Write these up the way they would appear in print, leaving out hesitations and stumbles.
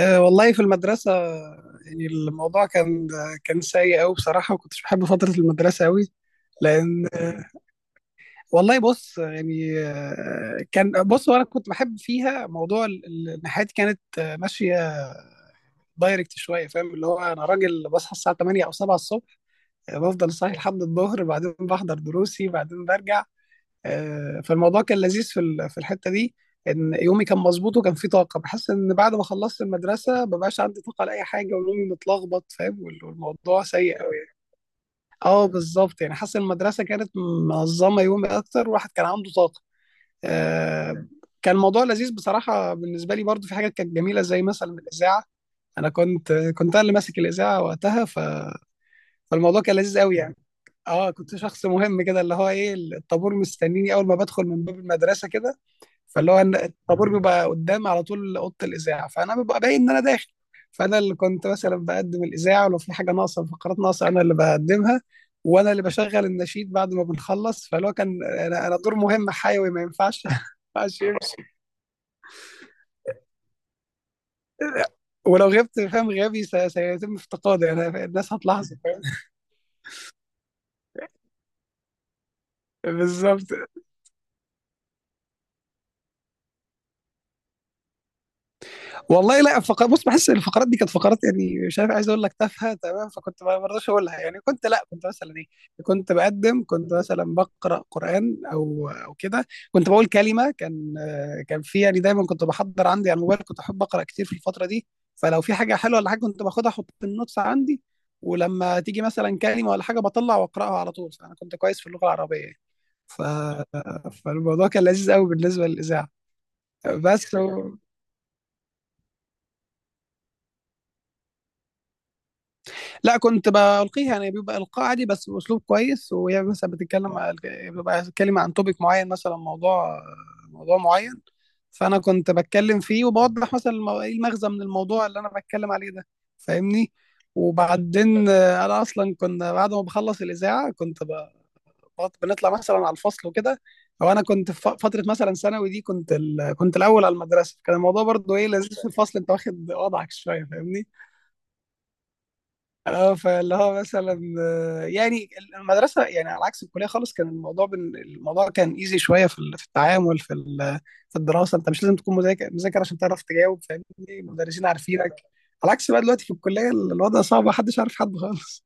أه، والله في المدرسة. يعني الموضوع كان سيء أوي بصراحة، وكنتش بحب فترة المدرسة أوي. لأن والله بص، يعني كان بص. وأنا كنت بحب فيها موضوع إن حياتي كانت ماشية دايركت شوية، فاهم؟ اللي هو أنا راجل بصحى الساعة 8 أو 7 الصبح. بفضل صاحي لحد الظهر، بعدين بحضر دروسي، بعدين برجع. فالموضوع كان لذيذ في الحته دي. ان يومي كان مظبوط وكان فيه طاقه. بحس ان بعد ما خلصت المدرسه مبقاش عندي طاقه لاي حاجه، ويومي متلخبط، فاهم؟ والموضوع سيء قوي يعني. اه، بالظبط، يعني حاسس إن المدرسه كانت منظمه يومي اكتر، والواحد كان عنده طاقه. آه، كان الموضوع لذيذ بصراحه بالنسبه لي. برضو في حاجات كانت جميله، زي مثلا الاذاعه. انا كنت انا اللي ماسك الاذاعه وقتها. فالموضوع كان لذيذ قوي يعني. اه، كنت شخص مهم كده، اللي هو ايه، الطابور مستنيني اول ما بدخل من باب المدرسه كده. فاللي هو إن الطابور بيبقى قدام على طول اوضه الاذاعه، فانا ببقى باين ان انا داخل. فانا اللي كنت مثلا بقدم الاذاعه. ولو في حاجه ناقصه، فقرات ناقصه، انا اللي بقدمها. وانا اللي بشغل النشيد بعد ما بنخلص. فاللي هو كان انا، دور مهم حيوي، ما ينفعش ما ينفعش يمشي. ولو غبت، فاهم، غيابي سيتم افتقادي. انا الناس هتلاحظه، فاهم؟ بالظبط. والله لا، فقرات، بص، بحس إن الفقرات دي كانت فقرات، يعني مش عارف عايز اقول لك تافهه، تمام؟ فكنت ما برضاش اقولها، يعني كنت، لا، كنت مثلا ايه، كنت مثلا بقرا قران او كده. كنت بقول كلمه كان، في، يعني دايما كنت بحضر عندي على الموبايل. كنت احب اقرا كتير في الفتره دي. فلو في حاجه حلوه ولا حاجه كنت باخدها احط في النوتس عندي. ولما تيجي مثلا كلمه ولا حاجه بطلع واقراها على طول. فانا كنت كويس في اللغه العربيه يعني. ف... فالموضوع كان لذيذ قوي بالنسبه للاذاعه. بس لا، كنت بلقيها يعني بيبقى القاء عادي بس باسلوب كويس. وهي مثلا بتتكلم بيبقى بتتكلم عن توبيك معين، مثلا موضوع معين. فانا كنت بتكلم فيه وبوضح مثلا ايه المغزى من الموضوع اللي انا بتكلم عليه ده، فاهمني؟ وبعدين انا اصلا كنا بعد ما بخلص الاذاعه بنطلع مثلا على الفصل وكده. او انا كنت في فتره مثلا ثانوي دي كنت الاول على المدرسه. كان الموضوع برضو ايه لذيذ في الفصل، انت واخد وضعك شويه، فاهمني؟ اه، فاللي هو مثلا يعني المدرسه يعني على عكس الكليه خالص. كان الموضوع كان ايزي شويه في التعامل في الدراسه. انت مش لازم تكون مذاكر مذاكر عشان تعرف تجاوب، فاهمني؟ المدرسين عارفينك. على عكس بقى دلوقتي في الكليه، الوضع صعب، محدش عارف حد خالص.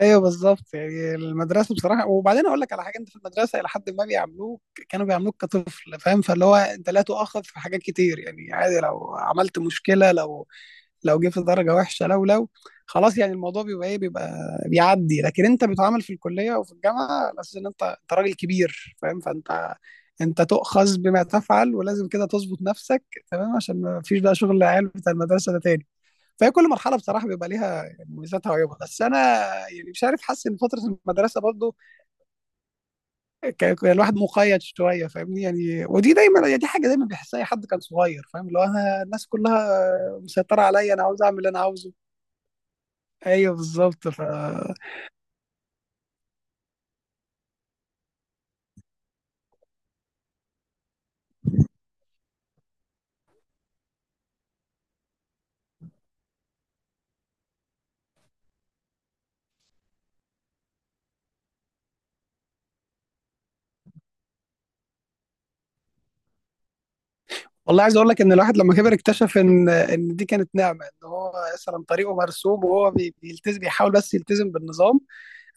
ايوه بالظبط، يعني المدرسه بصراحه. وبعدين اقول لك على حاجه، انت في المدرسه الى حد ما بيعاملوك، كانوا بيعاملوك كطفل، فاهم؟ فاللي هو انت لا تؤاخذ في حاجات كتير، يعني عادي لو عملت مشكله، لو جه في درجه وحشه، لو خلاص يعني الموضوع بيبقى ايه، بيبقى بيعدي. لكن انت بتعامل في الكليه وفي الجامعه على اساس ان انت راجل كبير، فاهم؟ فانت تؤخذ بما تفعل، ولازم كده تظبط نفسك. تمام، عشان ما فيش بقى شغل العيال بتاع المدرسه ده تاني. فهي كل مرحله بصراحه بيبقى ليها يعني مميزاتها وعيوبها. بس انا يعني مش عارف، حاسس ان فتره المدرسه برضو كان الواحد مقيد شويه، فاهمني؟ يعني ودي دايما، يعني دي حاجه دايما بيحسها اي حد كان صغير، فاهم؟ اللي هو، انا الناس كلها مسيطره عليا، انا عاوز اعمل اللي انا عاوزه. ايوه بالظبط. والله عايز اقول لك ان الواحد لما كبر اكتشف ان دي كانت نعمه. ان هو مثلا طريقه مرسوم وهو بيلتزم، بيحاول بس يلتزم بالنظام.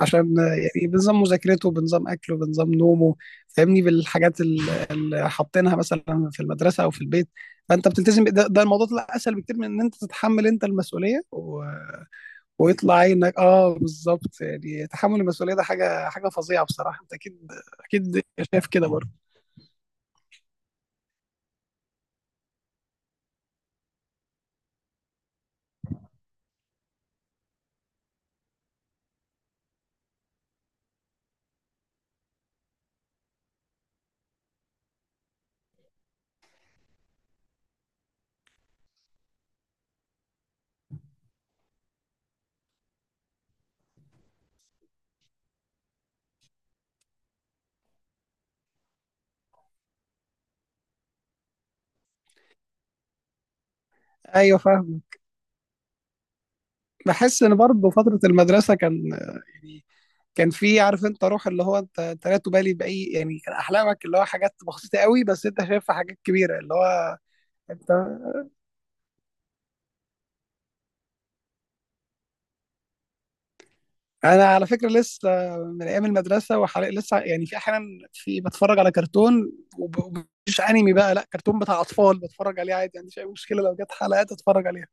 عشان يعني بنظام مذاكرته، بنظام اكله، بنظام نومه، فاهمني. بالحاجات اللي حاطينها مثلا في المدرسه او في البيت. فانت بتلتزم ده الموضوع طلع اسهل بكتير من ان انت تتحمل انت المسؤوليه. ويطلع عينك. اه بالظبط، يعني تحمل المسؤوليه ده حاجه فظيعه بصراحه، انت اكيد، اكيد شايف كده برضه. ايوه فاهم. بحس ان برضه فتره المدرسه كان، يعني كان في، عارف انت روح، اللي هو انت لا تبالي باي، يعني كان احلامك اللي هو حاجات بسيطه قوي بس انت شايفها حاجات كبيره اللي هو انت. انا على فكره لسه من ايام المدرسه، وحاليا لسه يعني في احيانا في بتفرج على كرتون وب- ومش انمي بقى، لا كرتون بتاع اطفال بتفرج عليه عادي، ما عنديش اي مشكله لو جت حلقات اتفرج عليها.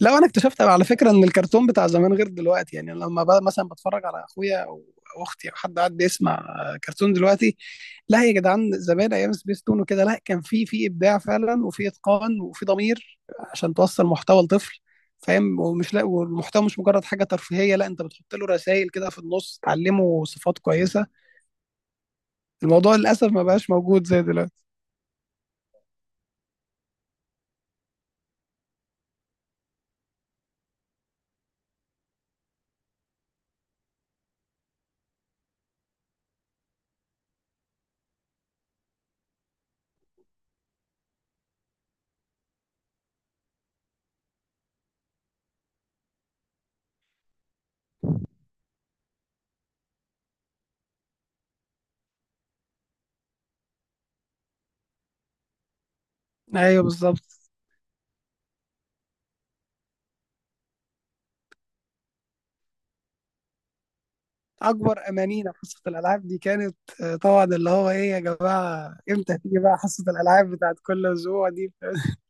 لو انا اكتشفت على فكره ان الكرتون بتاع زمان غير دلوقتي، يعني لما بقى مثلا بتفرج على اخويا او اختي او حد قاعد بيسمع كرتون دلوقتي، لا يا جدعان، زمان ايام سبيس تون وكده لا، كان في ابداع فعلا، وفي اتقان، وفي ضمير عشان توصل محتوى لطفل، فاهم؟ ومش لا، والمحتوى مش مجرد حاجه ترفيهيه، لا، انت بتحط له رسائل كده في النص تعلمه صفات كويسه. الموضوع للاسف ما بقاش موجود زي دلوقتي. ايوه بالظبط. اكبر امانينا حصه الالعاب دي كانت، طبعا، اللي هو ايه يا جماعه، امتى هتيجي بقى حصه الالعاب بتاعت كل اسبوع دي؟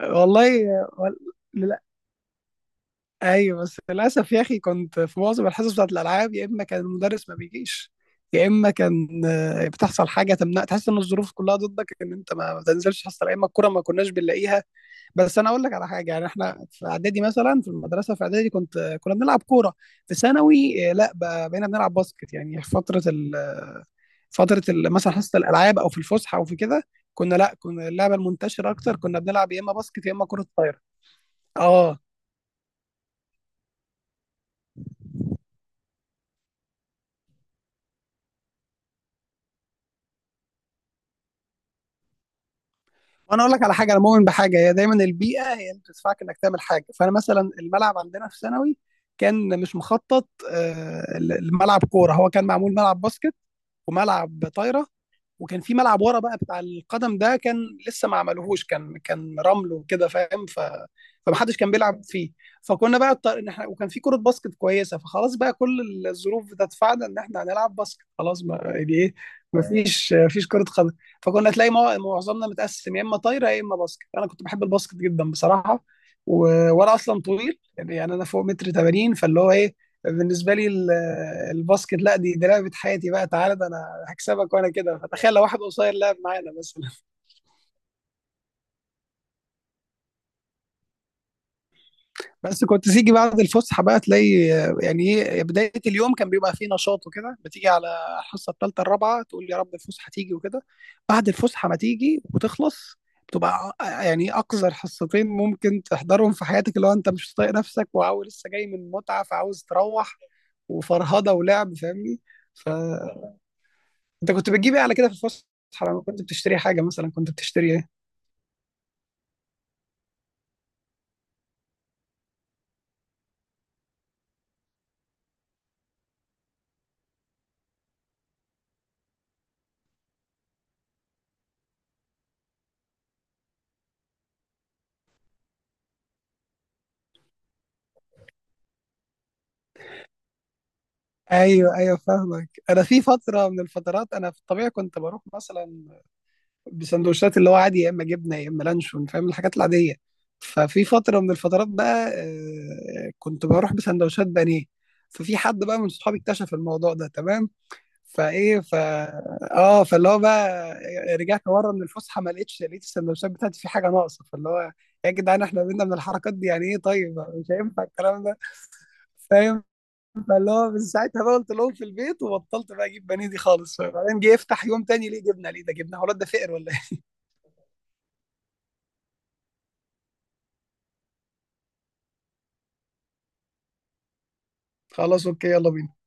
والله لا، ايوه، بس للاسف يا اخي كنت في معظم الحصص بتاعت الالعاب، يا اما كان المدرس ما بيجيش. يا اما كان بتحصل حاجه تمنع، تحس ان الظروف كلها ضدك ان انت ما تنزلش حصه، يا اما الكوره ما كناش بنلاقيها. بس انا اقول لك على حاجه، يعني احنا في اعدادي مثلا، في المدرسه في اعدادي كنت كنا بنلعب كوره. في ثانوي لا، بقينا بنلعب باسكت. يعني في فتره مثلا حصه الالعاب، او في الفسحه، او في كده. كنا، لا، كنا اللعبه المنتشره اكتر كنا بنلعب، يا اما باسكت يا اما كره طايره. اه، وانا اقول لك على حاجه، انا مؤمن بحاجه، هي دايما البيئه هي اللي بتدفعك انك تعمل حاجه. فانا مثلا الملعب عندنا في ثانوي كان مش مخطط لملعب كوره، هو كان معمول ملعب باسكت وملعب طايره. وكان في ملعب ورا بقى بتاع القدم ده، كان لسه ما عملوهوش، كان رمل وكده فاهم. فمحدش كان بيلعب فيه. فكنا بقى اضطر ان احنا، وكان في كرة باسكت كويسة، فخلاص بقى كل الظروف بتدفعنا ان احنا هنلعب باسكت، خلاص ما يعني ايه، ما فيش كرة قدم. فكنا تلاقي معظمنا متقسم، يا اما طايرة يا اما باسكت. انا كنت بحب الباسكت جدا بصراحة. و... وانا اصلا طويل يعني انا فوق متر 80، فاللي هو ايه، بالنسبه لي الباسكت لا دي لعبه حياتي بقى، تعالى ده انا هكسبك وانا كده، فتخيل لو واحد قصير لعب معانا مثلا. بس كنت تيجي بعد الفسحه بقى تلاقي، يعني ايه، بدايه اليوم كان بيبقى فيه نشاط وكده، بتيجي على الحصه الثالثه الرابعه تقول يا رب الفسحه تيجي وكده. بعد الفسحه ما تيجي وتخلص بتبقى يعني اقذر حصتين ممكن تحضرهم في حياتك، اللي هو انت مش طايق نفسك وعاوز لسه جاي من متعه، فعاوز تروح وفرهده ولعب، فاهمني. ف انت كنت بتجيب ايه على كده في الفسحه؟ لما كنت بتشتري حاجه مثلا كنت بتشتري ايه؟ ايوه، ايوه، فاهمك. انا في فتره من الفترات، انا في الطبيعي كنت بروح مثلا بسندوتشات، اللي هو عادي يا اما جبنه يا اما لانشون فاهم، الحاجات العاديه. ففي فتره من الفترات بقى كنت بروح بسندوتشات بانيه. ففي حد بقى من صحابي اكتشف الموضوع ده، تمام. فايه ف اه فاللي هو بقى رجعت ورا من الفسحه، ما لقيتش، لقيت السندوتشات بتاعتي في حاجه ناقصه، فاللي هو، يا جدعان احنا بينا من الحركات دي يعني ايه، طيب مش هينفع الكلام ده، فاهم؟ فاللي هو من ساعتها بقى قلت لهم في البيت، وبطلت بقى اجيب بانيه دي خالص. بعدين جه يفتح يوم تاني، ليه جبنه؟ ليه ده جبنه؟ هو الواد ده فقر ولا ايه؟ خلاص اوكي، يلا بينا.